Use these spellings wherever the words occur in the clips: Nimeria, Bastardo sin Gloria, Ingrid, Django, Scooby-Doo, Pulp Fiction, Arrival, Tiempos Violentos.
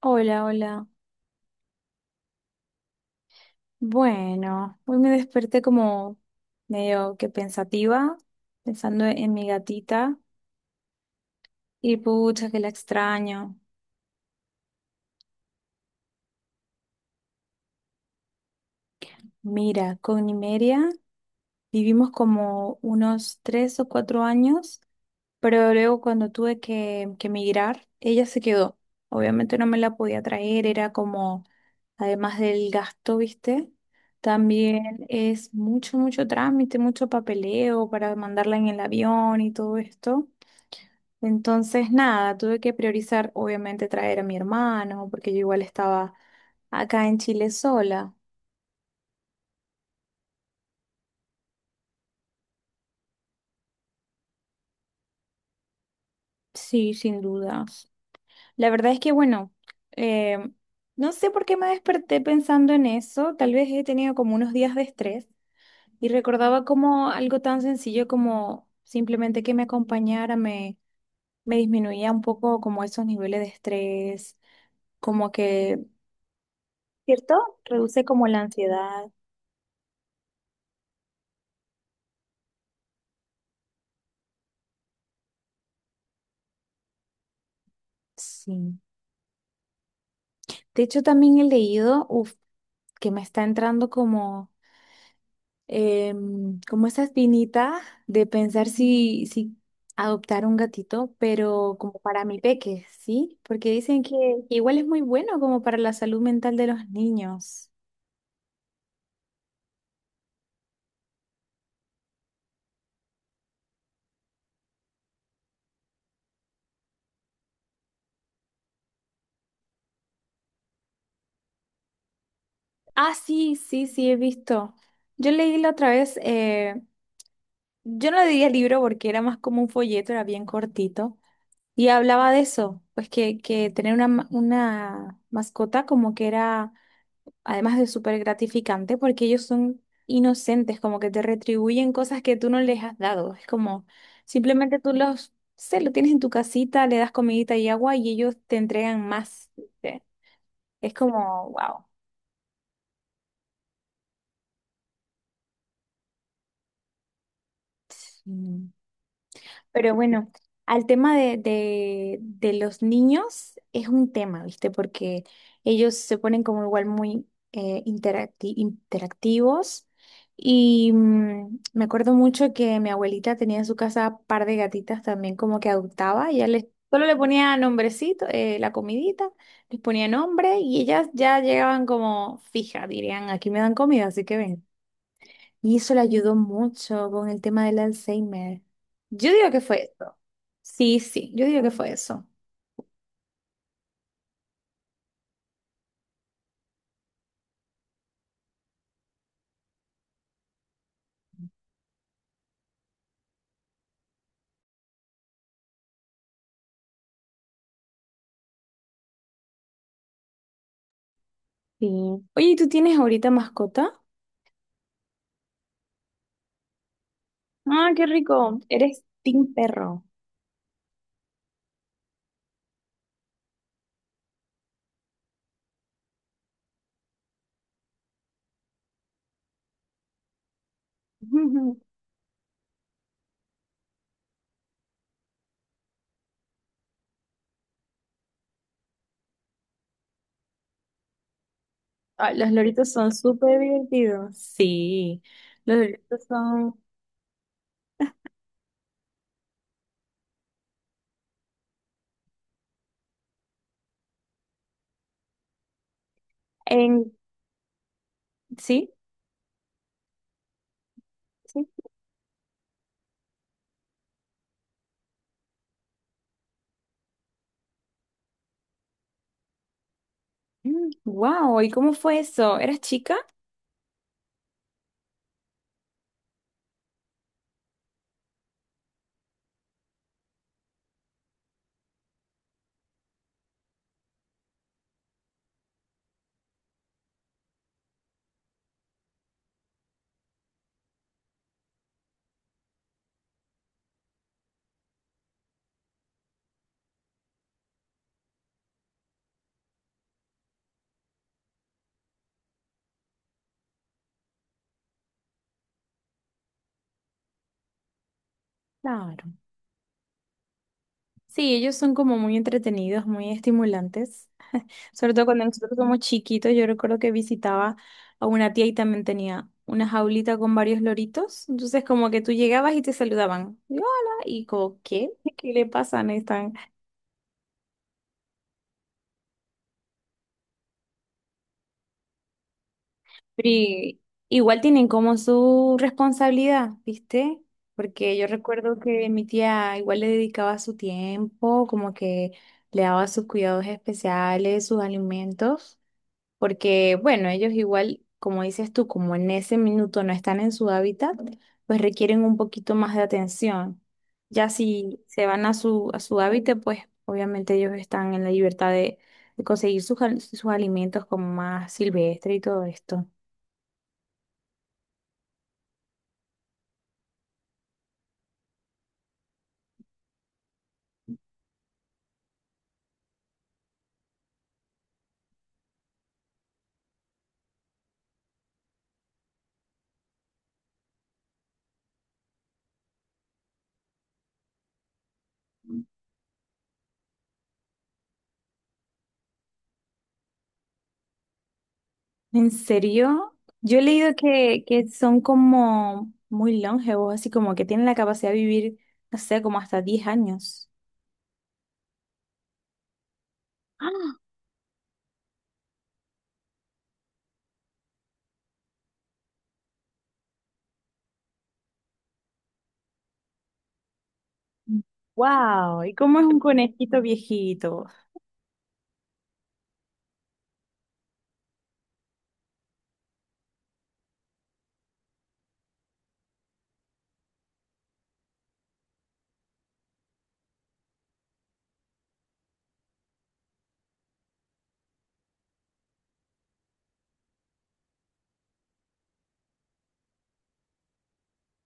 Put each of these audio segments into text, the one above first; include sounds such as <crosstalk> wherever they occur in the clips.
Hola, hola. Bueno, hoy me desperté como medio que pensativa, pensando en mi gatita y pucha que la extraño. Mira, con Nimeria vivimos como unos 3 o 4 años, pero luego cuando tuve que emigrar, ella se quedó. Obviamente no me la podía traer, era como, además del gasto, ¿viste? También es mucho, mucho trámite, mucho papeleo para mandarla en el avión y todo esto. Entonces, nada, tuve que priorizar, obviamente, traer a mi hermano, porque yo igual estaba acá en Chile sola. Sí, sin dudas. La verdad es que, bueno, eh, no sé por qué me desperté pensando en eso. Tal vez he tenido como unos días de estrés y recordaba como algo tan sencillo como simplemente que me acompañara, me disminuía un poco como esos niveles de estrés, como que, ¿cierto? Reduce como la ansiedad. Sí. De hecho, también he leído, uf que me está entrando como como esa espinita de pensar si adoptar un gatito, pero como para mi peque, ¿sí? Porque dicen que igual es muy bueno como para la salud mental de los niños. Ah, sí, sí, sí, he visto. Yo leí la otra vez, yo no le diría libro porque era más como un folleto, era bien cortito, y hablaba de eso, pues que tener una mascota como que era además de súper gratificante, porque ellos son inocentes, como que te retribuyen cosas que tú no les has dado. Es como simplemente tú los, se lo tienes en tu casita, le das comidita y agua y ellos te entregan más. ¿Viste? Es como, wow. Pero bueno, al tema de los niños es un tema, ¿viste? Porque ellos se ponen como igual muy interactivos. Me acuerdo mucho que mi abuelita tenía en su casa par de gatitas también como que adoptaba. Ella les, solo le ponía nombrecito, la comidita, les ponía nombre y ellas ya llegaban como fija, dirían, aquí me dan comida, así que ven. Y eso le ayudó mucho con el tema del Alzheimer. Yo digo que fue eso. Sí, sí, yo digo que fue eso. Sí. Oye, ¿y tú tienes ahorita mascota? Ah, qué rico. Eres team perro. <laughs> Ah, los loritos son súper divertidos. Sí, los loritos son... En... Sí, sí. Wow, ¿y cómo fue eso? ¿Eras chica? Claro. Sí, ellos son como muy entretenidos, muy estimulantes. Sobre todo cuando nosotros somos chiquitos, yo recuerdo que visitaba a una tía y también tenía una jaulita con varios loritos. Entonces, como que tú llegabas y te saludaban. Y, hola, y como, ¿qué? <laughs> ¿Qué le pasa? No están. Pero i- igual tienen como su responsabilidad, ¿viste? Porque yo recuerdo que mi tía igual le dedicaba su tiempo, como que le daba sus cuidados especiales, sus alimentos. Porque bueno, ellos igual, como dices tú, como en ese minuto no están en su hábitat, pues requieren un poquito más de atención. Ya si se van a su hábitat, pues obviamente ellos están en la libertad de conseguir sus alimentos como más silvestre y todo esto. ¿En serio? Yo he leído que son como muy longevos, así como que tienen la capacidad de vivir, no sé, como hasta 10 años. <gasps> ¡Ah! ¡Wow! ¿Y cómo es un conejito viejito?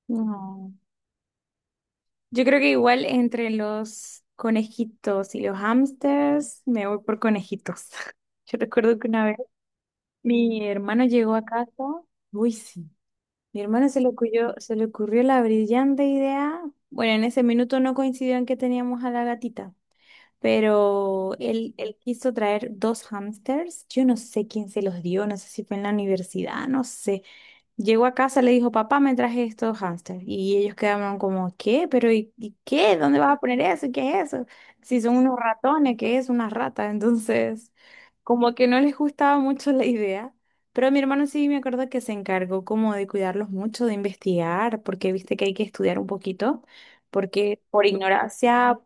No. Yo creo que igual entre los conejitos y los hámsters me voy por conejitos. <laughs> Yo recuerdo que una vez mi hermano llegó a casa, uy sí, mi hermano se le ocurrió la brillante idea, bueno, en ese minuto no coincidió en que teníamos a la gatita, pero él quiso traer dos hámsters, yo no sé quién se los dio, no sé si fue en la universidad, no sé. Llegó a casa, le dijo, papá, me traje estos hámsters. Y ellos quedaron como, ¿qué? ¿Pero y qué? ¿Dónde vas a poner eso? ¿Qué es eso? Si son unos ratones, ¿qué es? Una rata. Entonces, como que no les gustaba mucho la idea. Pero mi hermano sí me acuerdo que se encargó como de cuidarlos mucho, de investigar, porque viste que hay que estudiar un poquito, porque por ignorancia,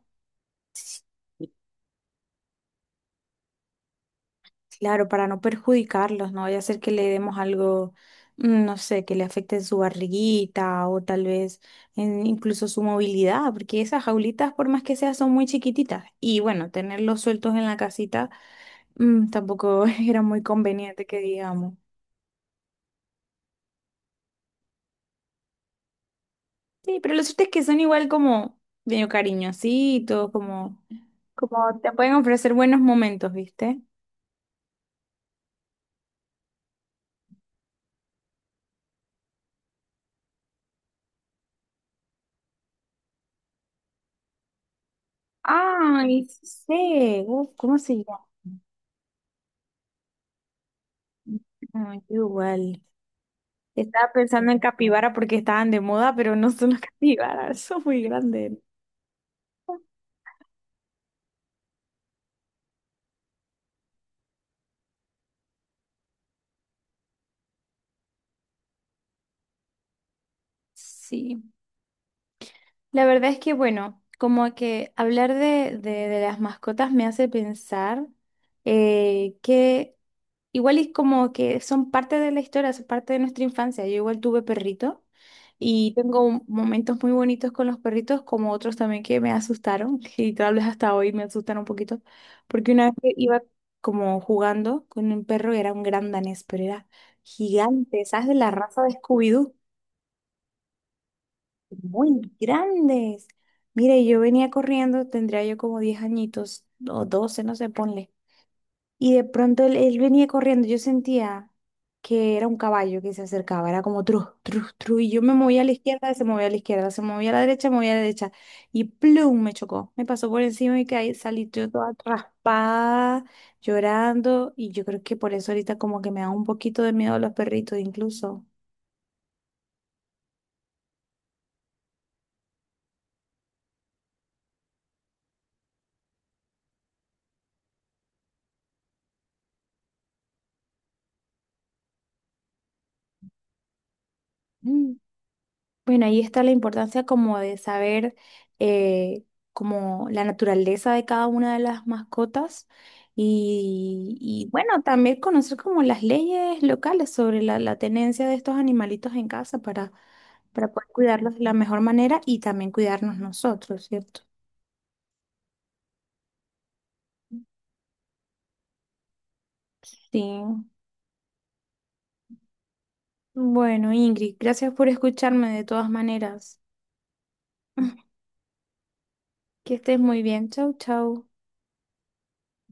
claro, para no perjudicarlos, no vaya a ser que le demos algo, no sé, que le afecte su barriguita o tal vez incluso su movilidad, porque esas jaulitas, por más que sea, son muy chiquititas. Y bueno, tenerlos sueltos en la casita, mm, tampoco <laughs> era muy conveniente que digamos. Sí, pero lo cierto es que son igual como medio cariñositos, como, como te pueden ofrecer buenos momentos, ¿viste? Ay, sí sé, uf, ¿cómo se llama? Ay, qué igual. Estaba pensando en capibara porque estaban de moda, pero no son <laughs> las capibaras, son muy grandes. Sí, la verdad es que bueno, como que hablar de las mascotas me hace pensar que igual es como que son parte de la historia, son parte de nuestra infancia. Yo igual tuve perrito y tengo momentos muy bonitos con los perritos, como otros también que me asustaron, <laughs> y tal vez hasta hoy me asustan un poquito, porque una vez que iba como jugando con un perro, era un gran danés, pero era gigante, ¿sabes? De la raza de Scooby-Doo, muy grandes. Mire, yo venía corriendo, tendría yo como 10 añitos o 12 no sé, ponle. Y de pronto él venía corriendo, yo sentía que era un caballo que se acercaba, era como tru, tru, tru, y yo me movía a la izquierda, se movía a la izquierda, se movía a la derecha, movía a la derecha, y plum, me chocó, me pasó por encima y caí, salí yo toda raspada, llorando, y yo creo que por eso ahorita como que me da un poquito de miedo a los perritos incluso. Mm. Bueno, ahí está la importancia como de saber eh, como la naturaleza de cada una de las mascotas bueno, también conocer como las leyes locales sobre la tenencia de estos animalitos en casa para poder cuidarlos de la mejor manera y también cuidarnos nosotros, ¿cierto? Sí. Bueno, Ingrid, gracias por escucharme de todas maneras. <laughs> Que estés muy bien. Chau, chau.